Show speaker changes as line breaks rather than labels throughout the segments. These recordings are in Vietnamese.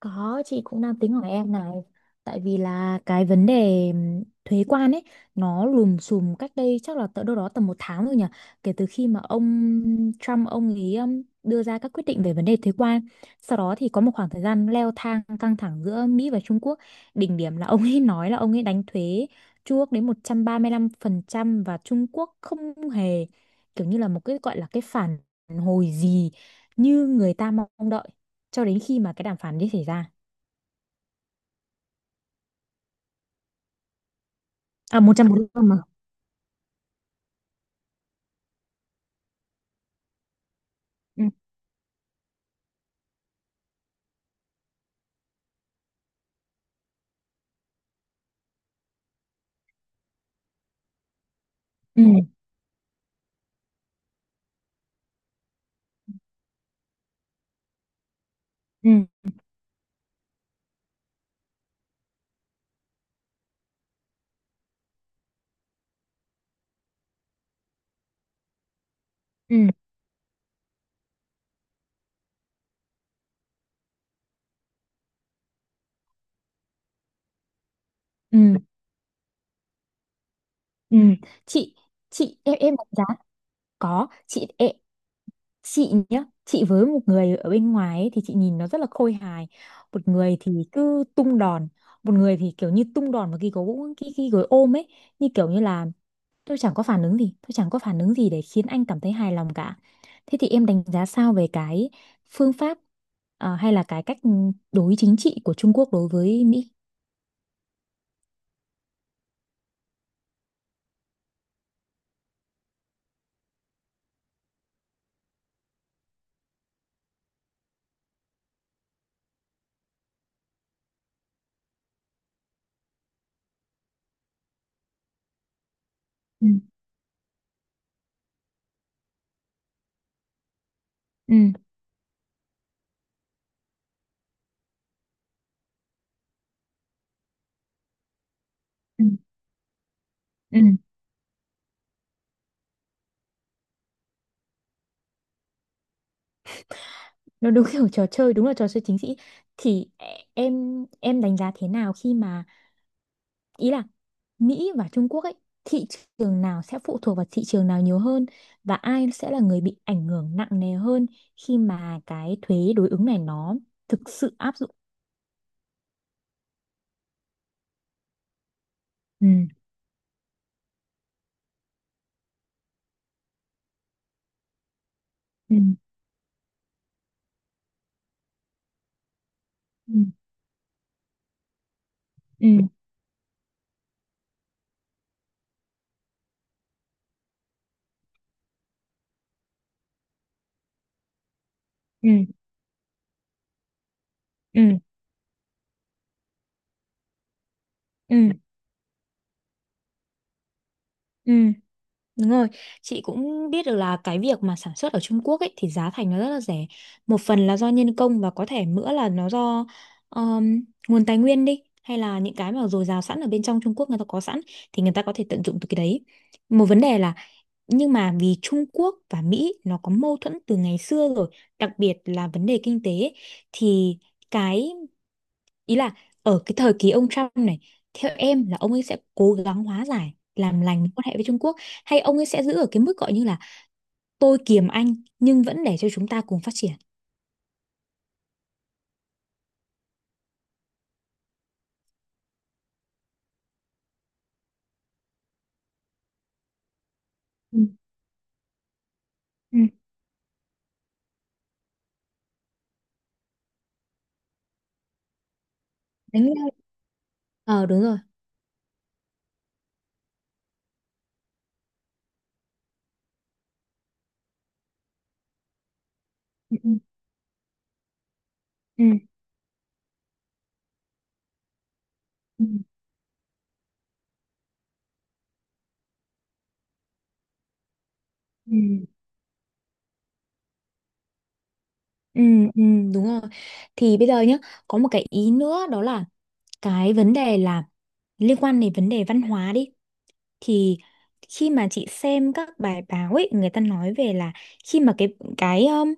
Có, chị cũng đang tính hỏi em này. Tại vì là cái vấn đề thuế quan ấy, nó lùm xùm cách đây chắc là tận đâu đó tầm một tháng rồi nhỉ. Kể từ khi mà ông Trump, ông ấy đưa ra các quyết định về vấn đề thuế quan. Sau đó thì có một khoảng thời gian leo thang căng thẳng giữa Mỹ và Trung Quốc. Đỉnh điểm là ông ấy nói là ông ấy đánh thuế Trung Quốc đến 135%, và Trung Quốc không hề kiểu như là một cái gọi là cái phản hồi gì như người ta mong đợi cho đến khi mà cái đàm phán đấy xảy ra. À, 145 mà. Ừ. Ừ. Ừ. Ừ. Ừ. Ừ. Chị chị em đánh giá, có chị e- chị nhá, chị với một người ở bên ngoài ấy, thì chị nhìn nó rất là khôi hài. Một người thì cứ tung đòn, một người thì kiểu như tung đòn và ghi gối ghi gối ôm ấy, như kiểu như là tôi chẳng có phản ứng gì, tôi chẳng có phản ứng gì để khiến anh cảm thấy hài lòng cả. Thế thì em đánh giá sao về cái phương pháp, à, hay là cái cách đối chính trị của Trung Quốc đối với Mỹ? Ừ. Ừ. Ừ, ừ. Nó đúng kiểu trò chơi, đúng là trò chơi chính trị. Thì e, em đánh giá thế nào khi mà, ý là Mỹ và Trung Quốc ấy, thị trường nào sẽ phụ thuộc vào thị trường nào nhiều hơn, và ai sẽ là người bị ảnh hưởng nặng nề hơn khi mà cái thuế đối ứng này nó thực sự áp dụng? Ừ. Ừ. Ừ. Ừ. Ừ. Ừ. Ừ. Ừ. Đúng rồi, chị cũng biết được là cái việc mà sản xuất ở Trung Quốc ấy thì giá thành nó rất là rẻ. Một phần là do nhân công và có thể nữa là nó do um, nguồn tài nguyên đi hay là những cái mà dồi dào sẵn ở bên trong Trung Quốc người ta có sẵn, thì người ta có thể tận dụng từ cái đấy. Một vấn đề là, nhưng mà vì Trung Quốc và Mỹ nó có mâu thuẫn từ ngày xưa rồi, đặc biệt là vấn đề kinh tế ấy, thì cái, ý là ở cái thời kỳ ông Trump này, theo em là ông ấy sẽ cố gắng hóa giải làm lành mối quan hệ với Trung Quốc, hay ông ấy sẽ giữ ở cái mức gọi như là tôi kiềm anh nhưng vẫn để cho chúng ta cùng phát triển? Ừ. Ừ. Đánh nhau. Ờ, đúng rồi. Ừ. Ừ. Ừ. Ừ. Ừ, ừ, đúng rồi. Thì bây giờ nhé, có một cái ý nữa đó là cái vấn đề là liên quan đến vấn đề văn hóa đi. Thì khi mà chị xem các bài báo ấy, người ta nói về là khi mà cái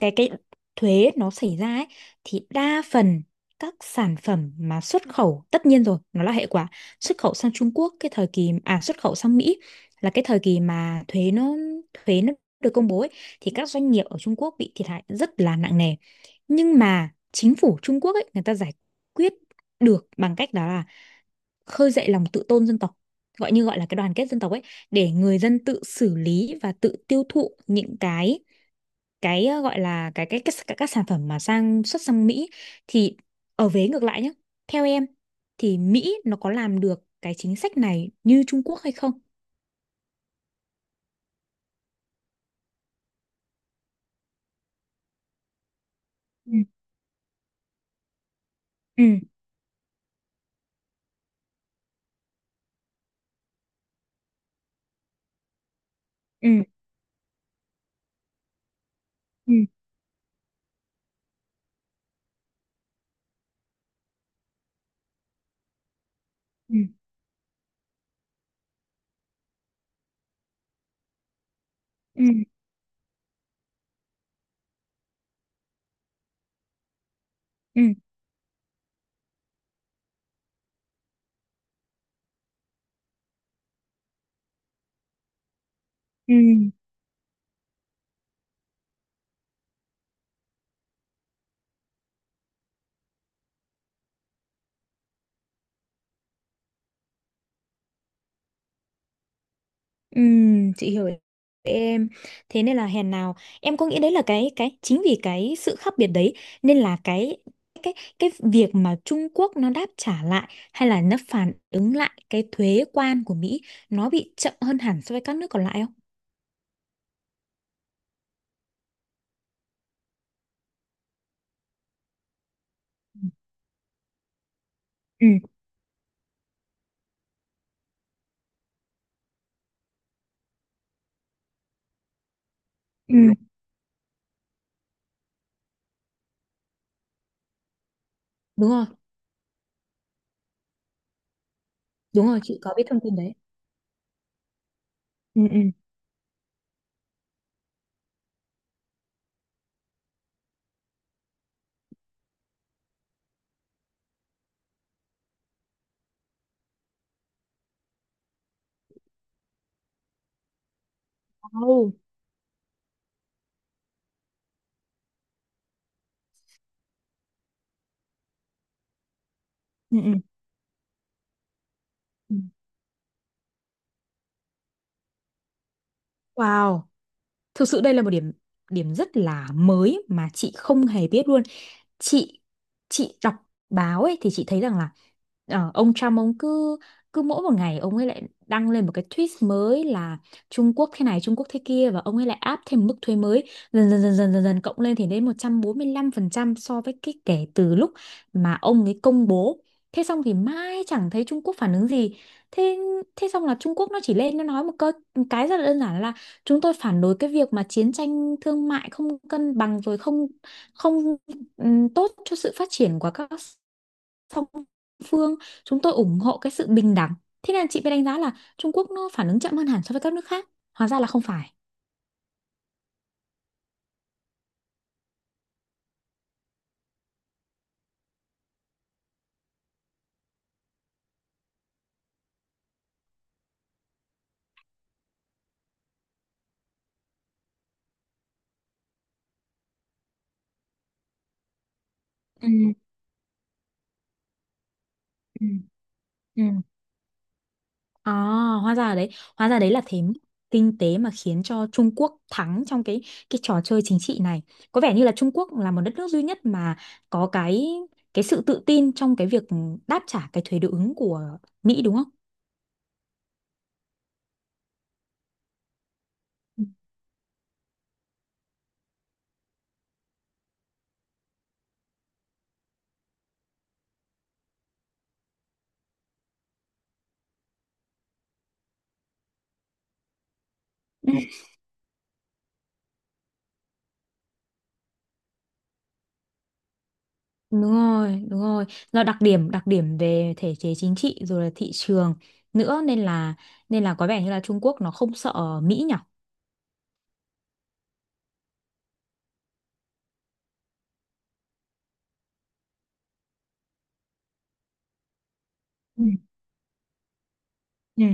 cái thuế nó xảy ra ấy, thì đa phần các sản phẩm mà xuất khẩu, tất nhiên rồi nó là hệ quả, xuất khẩu sang Trung Quốc cái thời kỳ, à, xuất khẩu sang Mỹ là cái thời kỳ mà thuế nó được công bố ấy, thì các doanh nghiệp ở Trung Quốc bị thiệt hại rất là nặng nề, nhưng mà chính phủ Trung Quốc ấy người ta giải quyết được bằng cách đó là khơi dậy lòng tự tôn dân tộc, gọi là cái đoàn kết dân tộc ấy, để người dân tự xử lý và tự tiêu thụ những cái gọi là cái các sản phẩm mà sang xuất sang Mỹ. Thì ở vế ngược lại nhé, theo em thì Mỹ nó có làm được cái chính sách này như Trung Quốc hay không? Ừ, ừ, ừ, ừ, ừ, ừ, ừ. Chị hiểu em. Thế nên là hèn nào, em có nghĩ đấy là cái chính vì cái sự khác biệt đấy, nên là cái cái việc mà Trung Quốc nó đáp trả lại hay là nó phản ứng lại cái thuế quan của Mỹ nó bị chậm hơn hẳn so với các nước còn lại không? Ừ, ừ, đúng rồi, đúng rồi, chị có biết thông tin đấy. Ừ, ừ. Wow. Ừ, ừ. Wow. Thực sự đây là một điểm điểm rất là mới mà chị không hề biết luôn. Chị chị đọc báo ấy thì chị thấy rằng là ông Trump ông cứ cứ mỗi một ngày ông ấy lại đăng lên một cái tweet mới là Trung Quốc thế này, Trung Quốc thế kia, và ông ấy lại áp thêm mức thuế mới dần dần dần dần dần, dần cộng lên thì đến 145% so với cái kể từ lúc mà ông ấy công bố. Thế xong thì mãi chẳng thấy Trung Quốc phản ứng gì. Thế thế xong là Trung Quốc nó chỉ lên nó nói một câu, một cái rất là đơn giản là chúng tôi phản đối cái việc mà chiến tranh thương mại không cân bằng, rồi không không tốt cho sự phát triển của các song phương, chúng tôi ủng hộ cái sự bình đẳng. Thế nên chị mới đánh giá là Trung Quốc nó phản ứng chậm hơn hẳn so với các nước khác, hóa ra là không phải. Ừ, ừ, ừ. À, hóa ra đấy, hóa ra đấy là thế mức kinh tế mà khiến cho Trung Quốc thắng trong cái trò chơi chính trị này. Có vẻ như là Trung Quốc là một đất nước duy nhất mà có cái sự tự tin trong cái việc đáp trả cái thuế đối ứng của Mỹ đúng không? Ừ. Ừ, đúng rồi, đúng rồi. Do đặc điểm về thể chế chính trị rồi là thị trường nữa, nên là có vẻ như là Trung Quốc nó không sợ Mỹ nhỉ? Ừ. Ừ.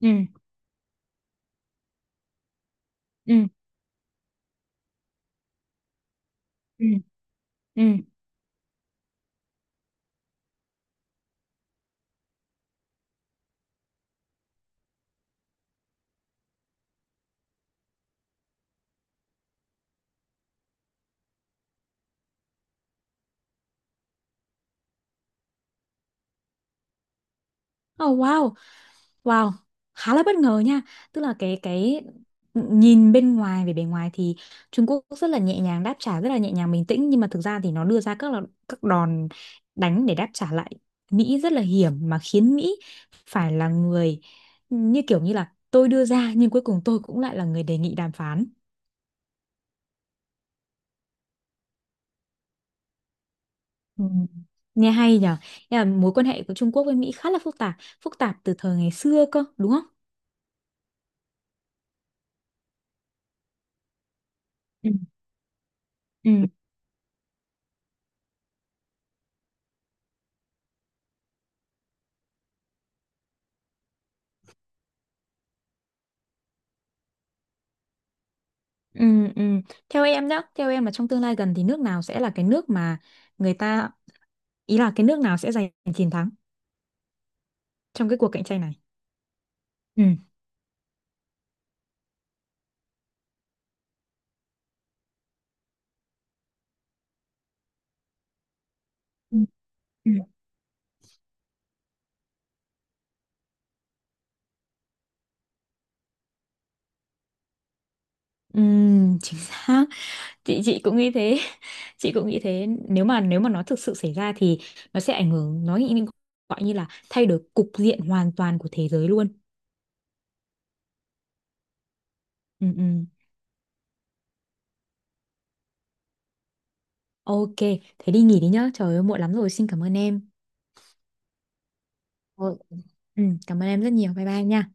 Ừ. Ừ. Ừ. Ừ. Oh wow. Wow, khá là bất ngờ nha. Tức là cái nhìn bên ngoài về bề ngoài thì Trung Quốc rất là nhẹ nhàng đáp trả, rất là nhẹ nhàng bình tĩnh, nhưng mà thực ra thì nó đưa ra các là các đòn đánh để đáp trả lại Mỹ rất là hiểm, mà khiến Mỹ phải là người, như kiểu như là tôi đưa ra nhưng cuối cùng tôi cũng lại là người đề nghị đàm phán. Ừ. Nghe hay nhở? Nghĩa là mối quan hệ của Trung Quốc với Mỹ khá là phức tạp từ thời ngày xưa cơ, đúng không? Ừ. Ừ. Ừ, ừ. Theo em nhá, theo em là trong tương lai gần thì nước nào sẽ là cái nước mà người ta, ý là cái nước nào sẽ giành chiến thắng trong cái cuộc cạnh tranh này? Ừ. Ừ. Ừ. Ừ, chính xác. Chị cũng nghĩ thế. Chị cũng nghĩ thế. Nếu mà, nó thực sự xảy ra thì nó sẽ ảnh hưởng, gọi như là thay đổi cục diện hoàn toàn của thế giới luôn. Ừ, ừ. Ok, thế đi nghỉ đi nhá. Trời ơi muộn lắm rồi. Xin cảm ơn em. Rồi. Ừ, cảm ơn em rất nhiều. Bye bye nha.